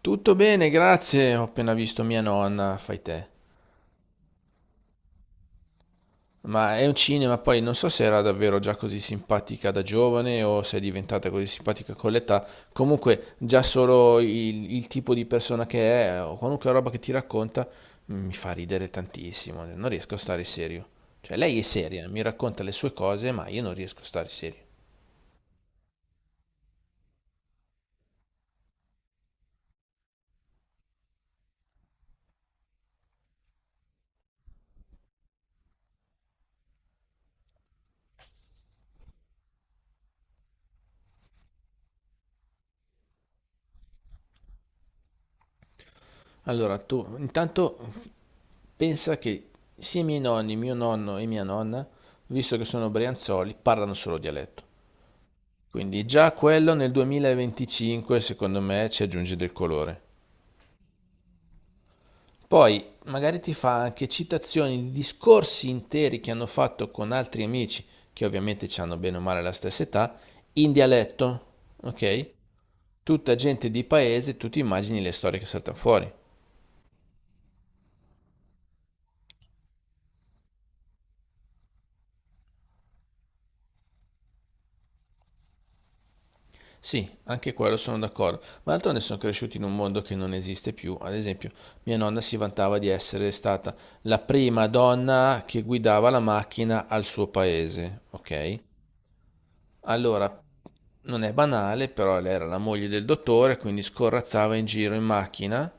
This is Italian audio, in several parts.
Tutto bene, grazie. Ho appena visto mia nonna, fai te. Ma è un cinema, poi non so se era davvero già così simpatica da giovane o se è diventata così simpatica con l'età. Comunque, già solo il tipo di persona che è o qualunque roba che ti racconta, mi fa ridere tantissimo. Non riesco a stare serio. Cioè, lei è seria, mi racconta le sue cose, ma io non riesco a stare serio. Allora, tu intanto pensa che sia i miei nonni, mio nonno e mia nonna, visto che sono brianzoli, parlano solo dialetto. Quindi già quello nel 2025 secondo me ci aggiunge del colore. Poi magari ti fa anche citazioni di discorsi interi che hanno fatto con altri amici, che ovviamente ci hanno bene o male la stessa età, in dialetto, ok? Tutta gente di paese, tu ti immagini le storie che saltano fuori. Sì, anche quello sono d'accordo, ma d'altronde sono cresciuti in un mondo che non esiste più. Ad esempio, mia nonna si vantava di essere stata la prima donna che guidava la macchina al suo paese, ok? Allora, non è banale, però lei era la moglie del dottore, quindi scorrazzava in giro in macchina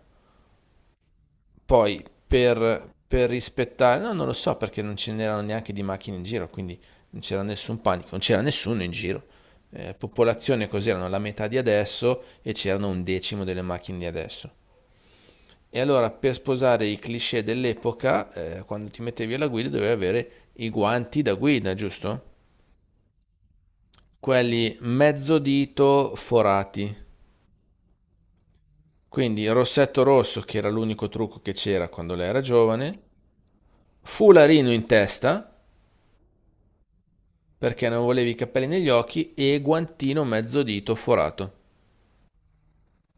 poi per rispettare, no, non lo so perché non ce n'erano neanche di macchine in giro, quindi non c'era nessun panico, non c'era nessuno in giro. Popolazione cos'erano la metà di adesso e c'erano un decimo delle macchine di adesso. E allora per sposare i cliché dell'epoca, quando ti mettevi alla guida dovevi avere i guanti da guida, giusto? Quelli mezzo dito forati. Quindi il rossetto rosso, che era l'unico trucco che c'era quando lei era giovane, fularino in testa perché non volevi i capelli negli occhi e guantino mezzo dito forato.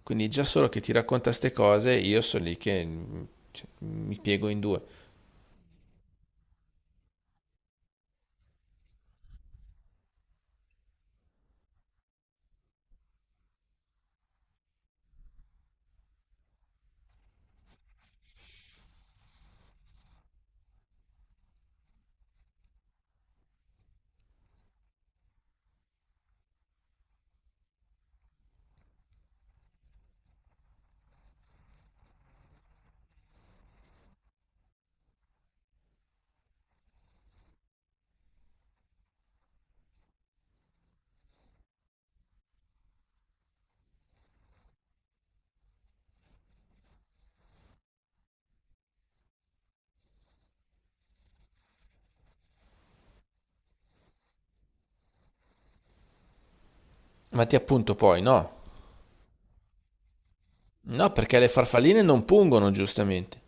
Quindi già solo che ti racconta ste cose, io sono lì che cioè, mi piego in due. Ma ti appunto poi, no. No, perché le farfalline non pungono, giustamente.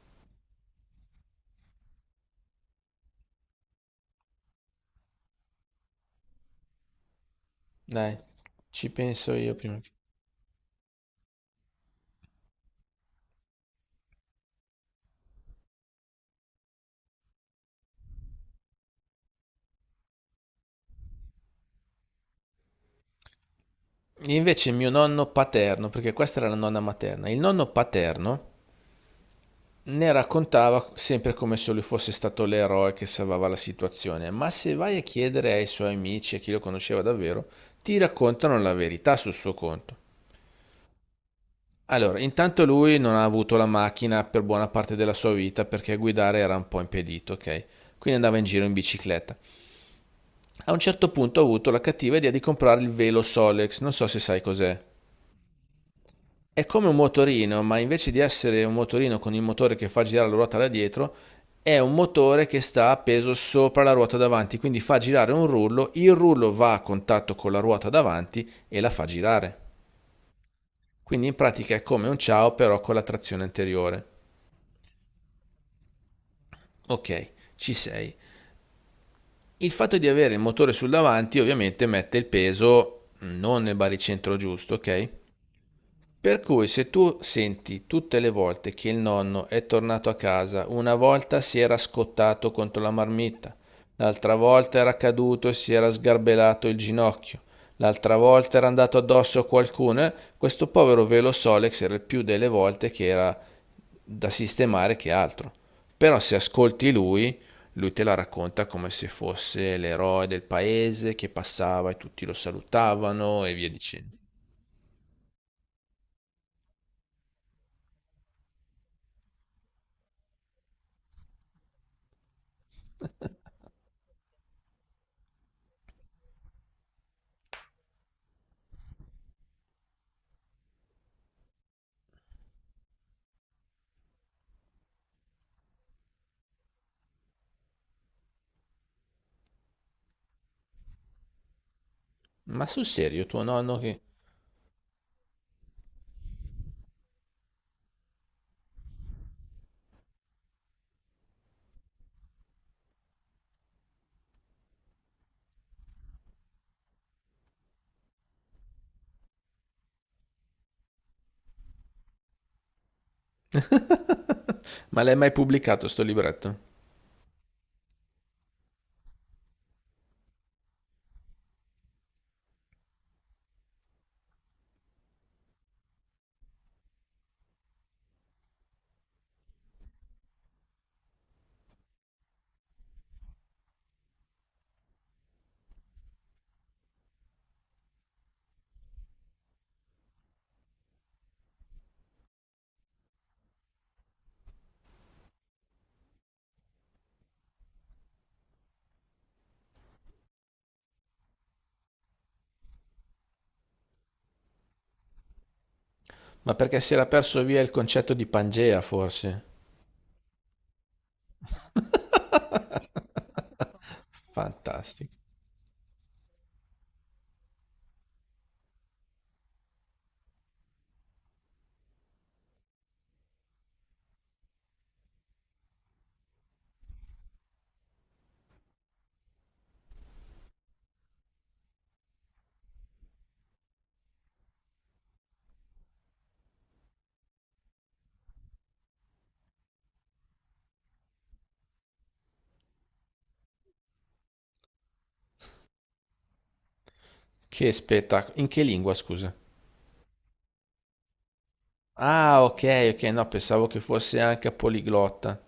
Dai, ci penso io prima. Invece mio nonno paterno, perché questa era la nonna materna, il nonno paterno ne raccontava sempre come se lui fosse stato l'eroe che salvava la situazione, ma se vai a chiedere ai suoi amici, a chi lo conosceva davvero, ti raccontano la verità sul suo conto. Allora, intanto lui non ha avuto la macchina per buona parte della sua vita perché guidare era un po' impedito, ok? Quindi andava in giro in bicicletta. A un certo punto ha avuto la cattiva idea di comprare il velo Solex, non so se sai cos'è. È come un motorino, ma invece di essere un motorino con il motore che fa girare la ruota da dietro, è un motore che sta appeso sopra la ruota davanti, quindi fa girare un rullo, il rullo va a contatto con la ruota davanti e la fa girare. Quindi in pratica è come un ciao però con la trazione anteriore. Ok, ci sei. Il fatto di avere il motore sul davanti ovviamente mette il peso non nel baricentro giusto, ok? Per cui se tu senti tutte le volte che il nonno è tornato a casa, una volta si era scottato contro la marmitta, l'altra volta era caduto e si era sgarbellato il ginocchio, l'altra volta era andato addosso a qualcuno, questo povero velo Solex era il più delle volte che era da sistemare che altro. Però se ascolti lui, lui te la racconta come se fosse l'eroe del paese che passava e tutti lo salutavano e via dicendo. Ma sul serio, tuo nonno che... Ma l'hai mai pubblicato sto libretto? Ma perché si era perso via il concetto di Pangea, forse? Fantastico. Che spettacolo. In che lingua, scusa? Ah, ok, ok, no, pensavo che fosse anche poliglotta.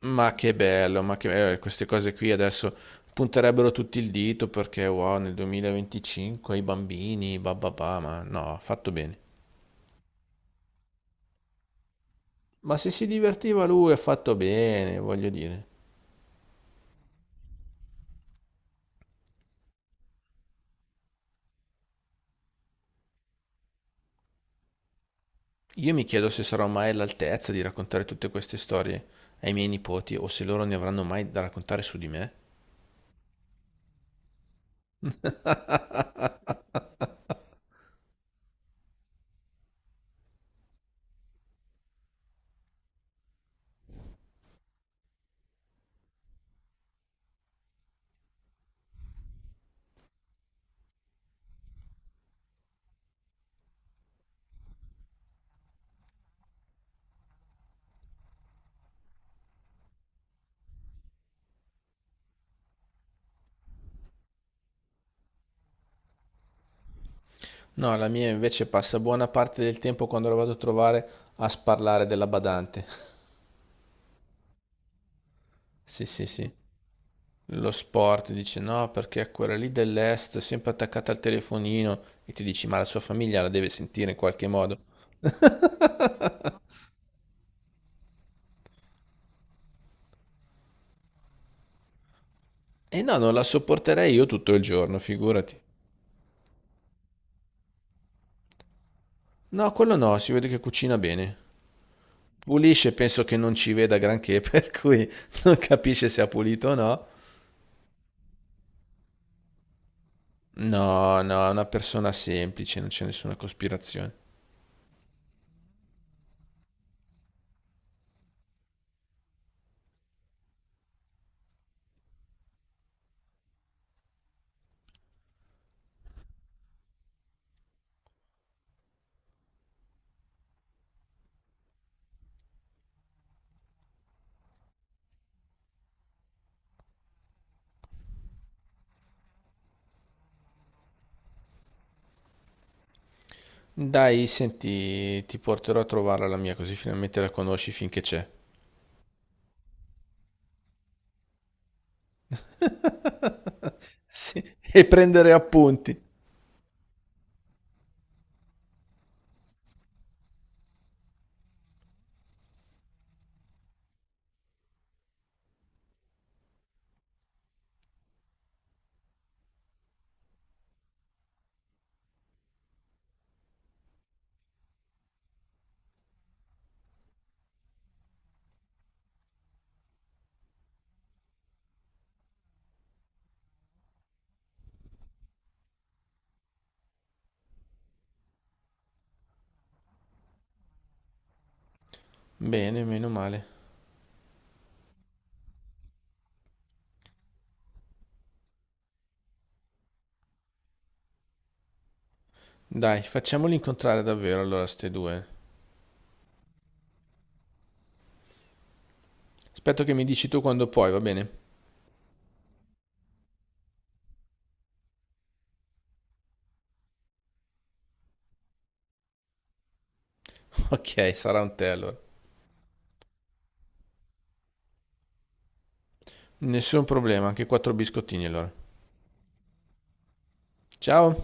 Ma che bello, ma che bello. Queste cose qui adesso punterebbero tutti il dito perché, wow, nel 2025 i bambini, bababà, ma no, ha fatto bene. Ma se si divertiva lui, ha fatto bene, voglio dire. Io mi chiedo se sarò mai all'altezza di raccontare tutte queste storie ai miei nipoti o se loro ne avranno mai da raccontare su di me. No, la mia invece passa buona parte del tempo quando la vado a trovare a sparlare della badante. Sì, sì, sì. Lo sport dice no, perché quella lì dell'est è sempre attaccata al telefonino e ti dici ma la sua famiglia la deve sentire in qualche modo. E no, non la sopporterei io tutto il giorno, figurati. No, quello no, si vede che cucina bene. Pulisce, penso che non ci veda granché, per cui non capisce se ha pulito o no. No, no, è una persona semplice, non c'è nessuna cospirazione. Dai, senti, ti porterò a trovarla la mia, così finalmente la conosci finché c'è. Sì, e prendere appunti. Bene, meno male. Dai, facciamoli incontrare davvero allora ste due. Aspetto che mi dici tu quando puoi, va bene? Ok, sarà un tè allora. Nessun problema, anche quattro biscottini allora. Ciao.